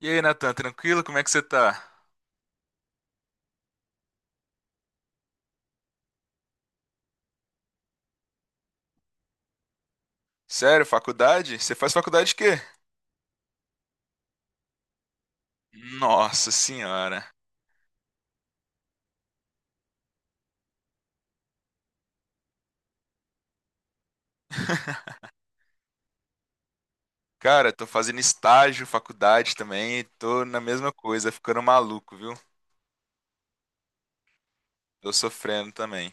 E aí, Natan, tranquilo? Como é que você tá? Sério, faculdade? Você faz faculdade de quê? Nossa senhora. Cara, tô fazendo estágio, faculdade também, e tô na mesma coisa, ficando maluco, viu? Tô sofrendo também.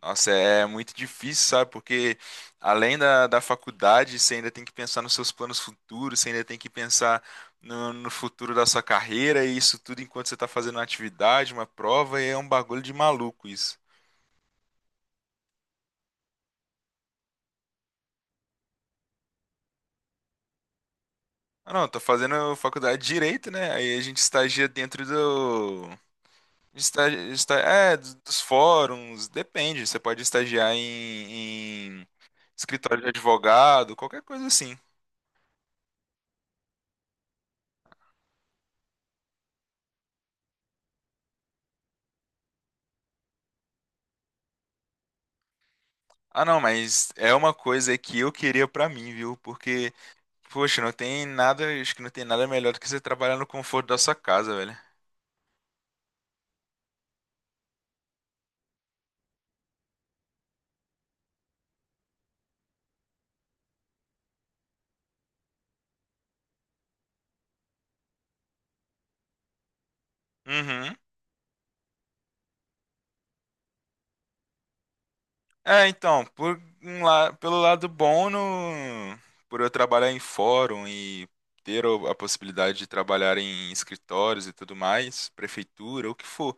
Nossa, é muito difícil, sabe? Porque além da faculdade, você ainda tem que pensar nos seus planos futuros, você ainda tem que pensar no futuro da sua carreira, e isso tudo enquanto você tá fazendo uma atividade, uma prova, e é um bagulho de maluco isso. Ah, não, tô fazendo faculdade de Direito, né? Aí a gente estagia dentro do. Estagia, é, dos fóruns, depende. Você pode estagiar em escritório de advogado, qualquer coisa assim. Ah, não, mas é uma coisa que eu queria pra mim, viu? Porque, poxa, não tem nada, acho que não tem nada melhor do que você trabalhar no conforto da sua casa, velho. Uhum. É, então, pelo lado bom, por eu trabalhar em fórum e ter a possibilidade de trabalhar em escritórios e tudo mais, prefeitura, o que for,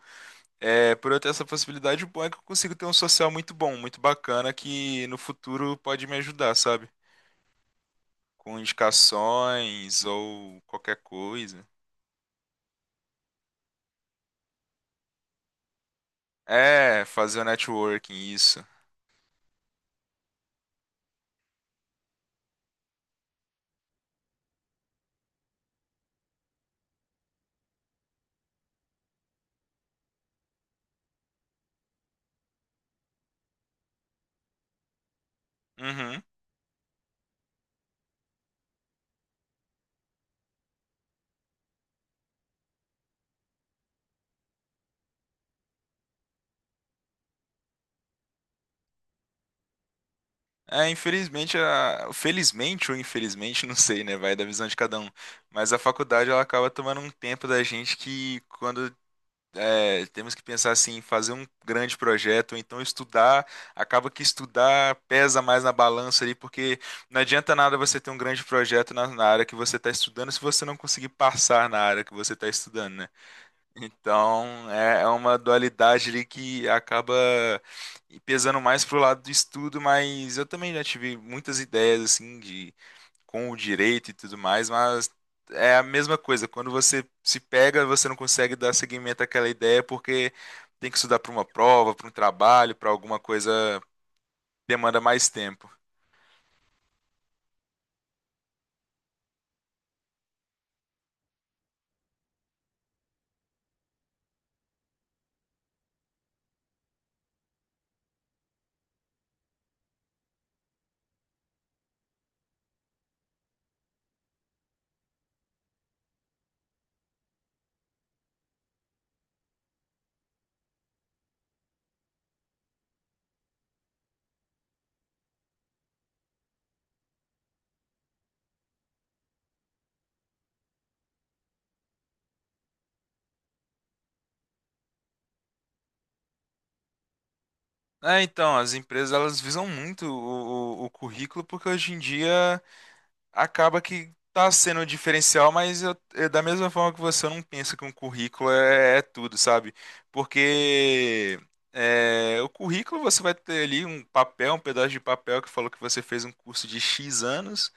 por eu ter essa possibilidade, o bom é que eu consigo ter um social muito bom, muito bacana, que no futuro pode me ajudar, sabe? Com indicações ou qualquer coisa. É, fazer o networking, isso. Uhum. É, infelizmente, felizmente ou infelizmente, não sei, né? Vai da visão de cada um. Mas a faculdade ela acaba tomando um tempo da gente que quando temos que pensar assim, em fazer um grande projeto, ou então estudar, acaba que estudar pesa mais na balança ali, porque não adianta nada você ter um grande projeto na área que você está estudando se você não conseguir passar na área que você está estudando, né? Então, é uma dualidade ali que acaba pesando mais pro lado do estudo, mas eu também já tive muitas ideias assim de com o direito e tudo mais, mas é a mesma coisa. Quando você se pega, você não consegue dar seguimento àquela ideia porque tem que estudar para uma prova, para um trabalho, para alguma coisa que demanda mais tempo. É, então, as empresas elas visam muito o currículo porque hoje em dia acaba que tá sendo um diferencial, mas da mesma forma que você, eu não penso que um currículo é, é tudo, sabe? Porque é, o currículo você vai ter ali um papel, um pedaço de papel que falou que você fez um curso de X anos,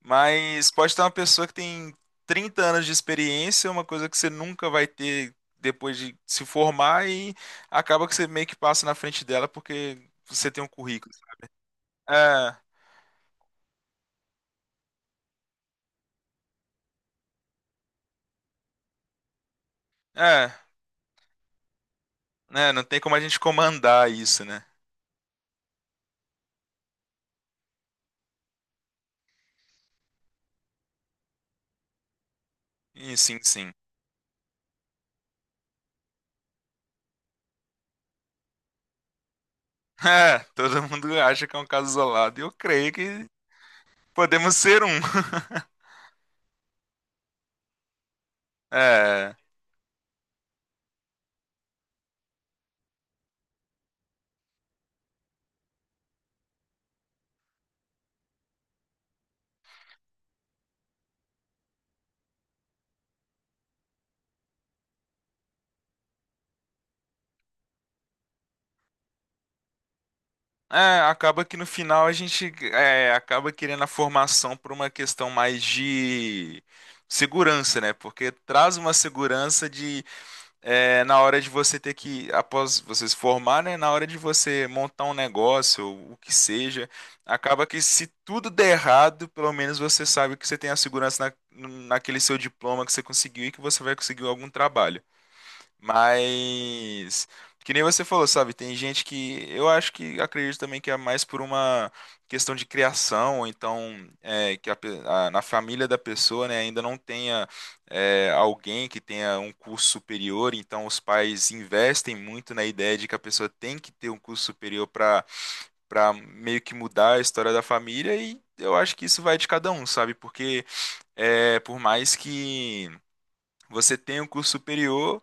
mas pode estar uma pessoa que tem 30 anos de experiência, uma coisa que você nunca vai ter depois de se formar e acaba que você meio que passa na frente dela porque você tem um currículo. É, é, né? Não tem como a gente comandar isso, né? Ih, sim, sim. É, todo mundo acha que é um caso isolado. E eu creio que podemos ser um. É, é, acaba que no final a gente é, acaba querendo a formação por uma questão mais de segurança, né? Porque traz uma segurança de é, na hora de você ter que, após você se formar, né, na hora de você montar um negócio, ou o que seja, acaba que se tudo der errado, pelo menos você sabe que você tem a segurança na, naquele seu diploma que você conseguiu e que você vai conseguir algum trabalho. Mas que nem você falou, sabe? Tem gente que eu acho que acredito também que é mais por uma questão de criação, ou então é, que na família da pessoa, né, ainda não tenha é, alguém que tenha um curso superior, então os pais investem muito na ideia de que a pessoa tem que ter um curso superior para para meio que mudar a história da família e eu acho que isso vai de cada um, sabe? Porque é, por mais que você tenha um curso superior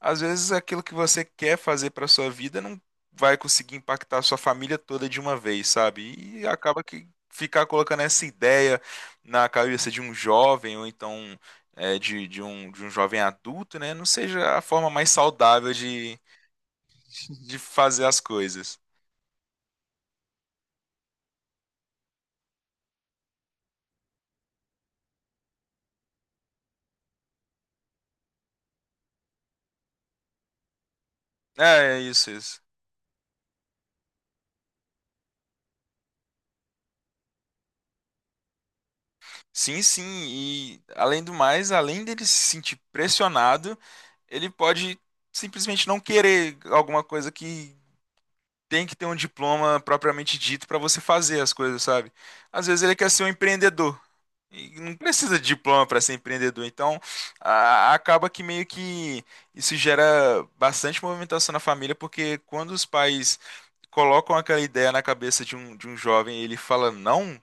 às vezes aquilo que você quer fazer para sua vida não vai conseguir impactar a sua família toda de uma vez, sabe? E acaba que ficar colocando essa ideia na cabeça de um jovem ou então é, de um jovem adulto, né? Não seja a forma mais saudável de fazer as coisas. É, é isso, isso. Sim, sim. E além do mais, além dele se sentir pressionado, ele pode simplesmente não querer alguma coisa que tem que ter um diploma propriamente dito para você fazer as coisas, sabe? Às vezes ele quer ser um empreendedor e não precisa de diploma para ser empreendedor. Então, acaba que meio que isso gera bastante movimentação na família, porque quando os pais colocam aquela ideia na cabeça de um jovem e ele fala não,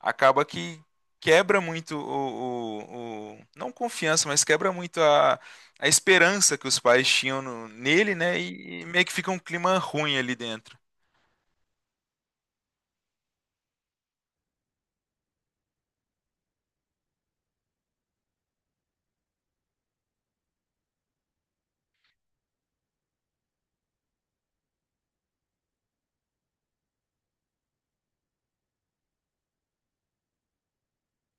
acaba que quebra muito não confiança, mas quebra muito a esperança que os pais tinham nele, né? E meio que fica um clima ruim ali dentro.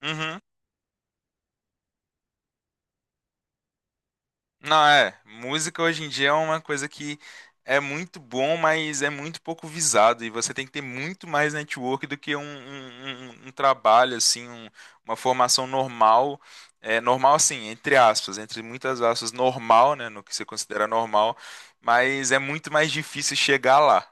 Uhum. Não, é. Música hoje em dia é uma coisa que é muito bom, mas é muito pouco visado. E você tem que ter muito mais network do que um trabalho, assim, uma formação normal. É, normal, assim, entre aspas, entre muitas aspas, normal, né? No que você considera normal. Mas é muito mais difícil chegar lá.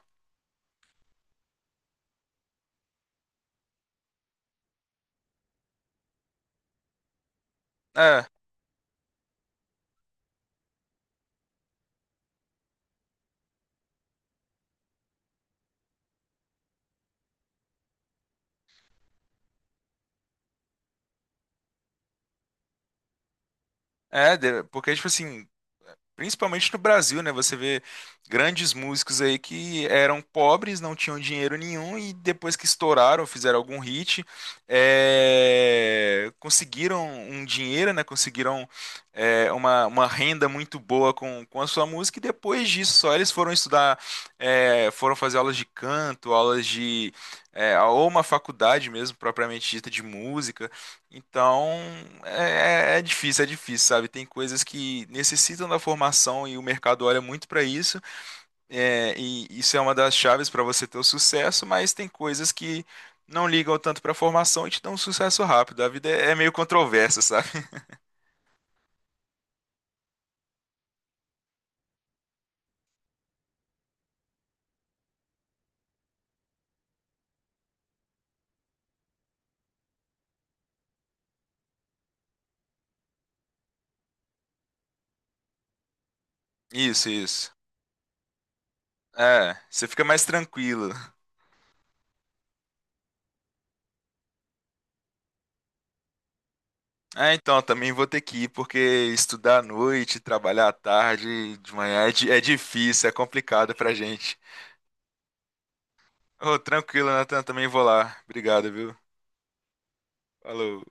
É, porque, tipo assim. Principalmente no Brasil, né? Você vê grandes músicos aí que eram pobres, não tinham dinheiro nenhum e depois que estouraram, fizeram algum hit, é, conseguiram um dinheiro, né? Conseguiram é, uma renda muito boa com a sua música e depois disso só eles foram estudar, é, foram fazer aulas de canto, aulas de, é, ou uma faculdade mesmo, propriamente dita, de música. Então, é, é difícil, é difícil, sabe? Tem coisas que necessitam da formação e o mercado olha muito para isso, é, e isso é uma das chaves para você ter o sucesso, mas tem coisas que não ligam tanto para a formação e te dão um sucesso rápido. A vida é, é meio controversa, sabe? Isso, isso. É, você fica mais tranquilo. Ah, então, também vou ter que ir, porque estudar à noite, trabalhar à tarde, de manhã é, é difícil, é complicado pra gente. Ô, tranquilo, Nathan, também vou lá. Obrigado, viu? Falou.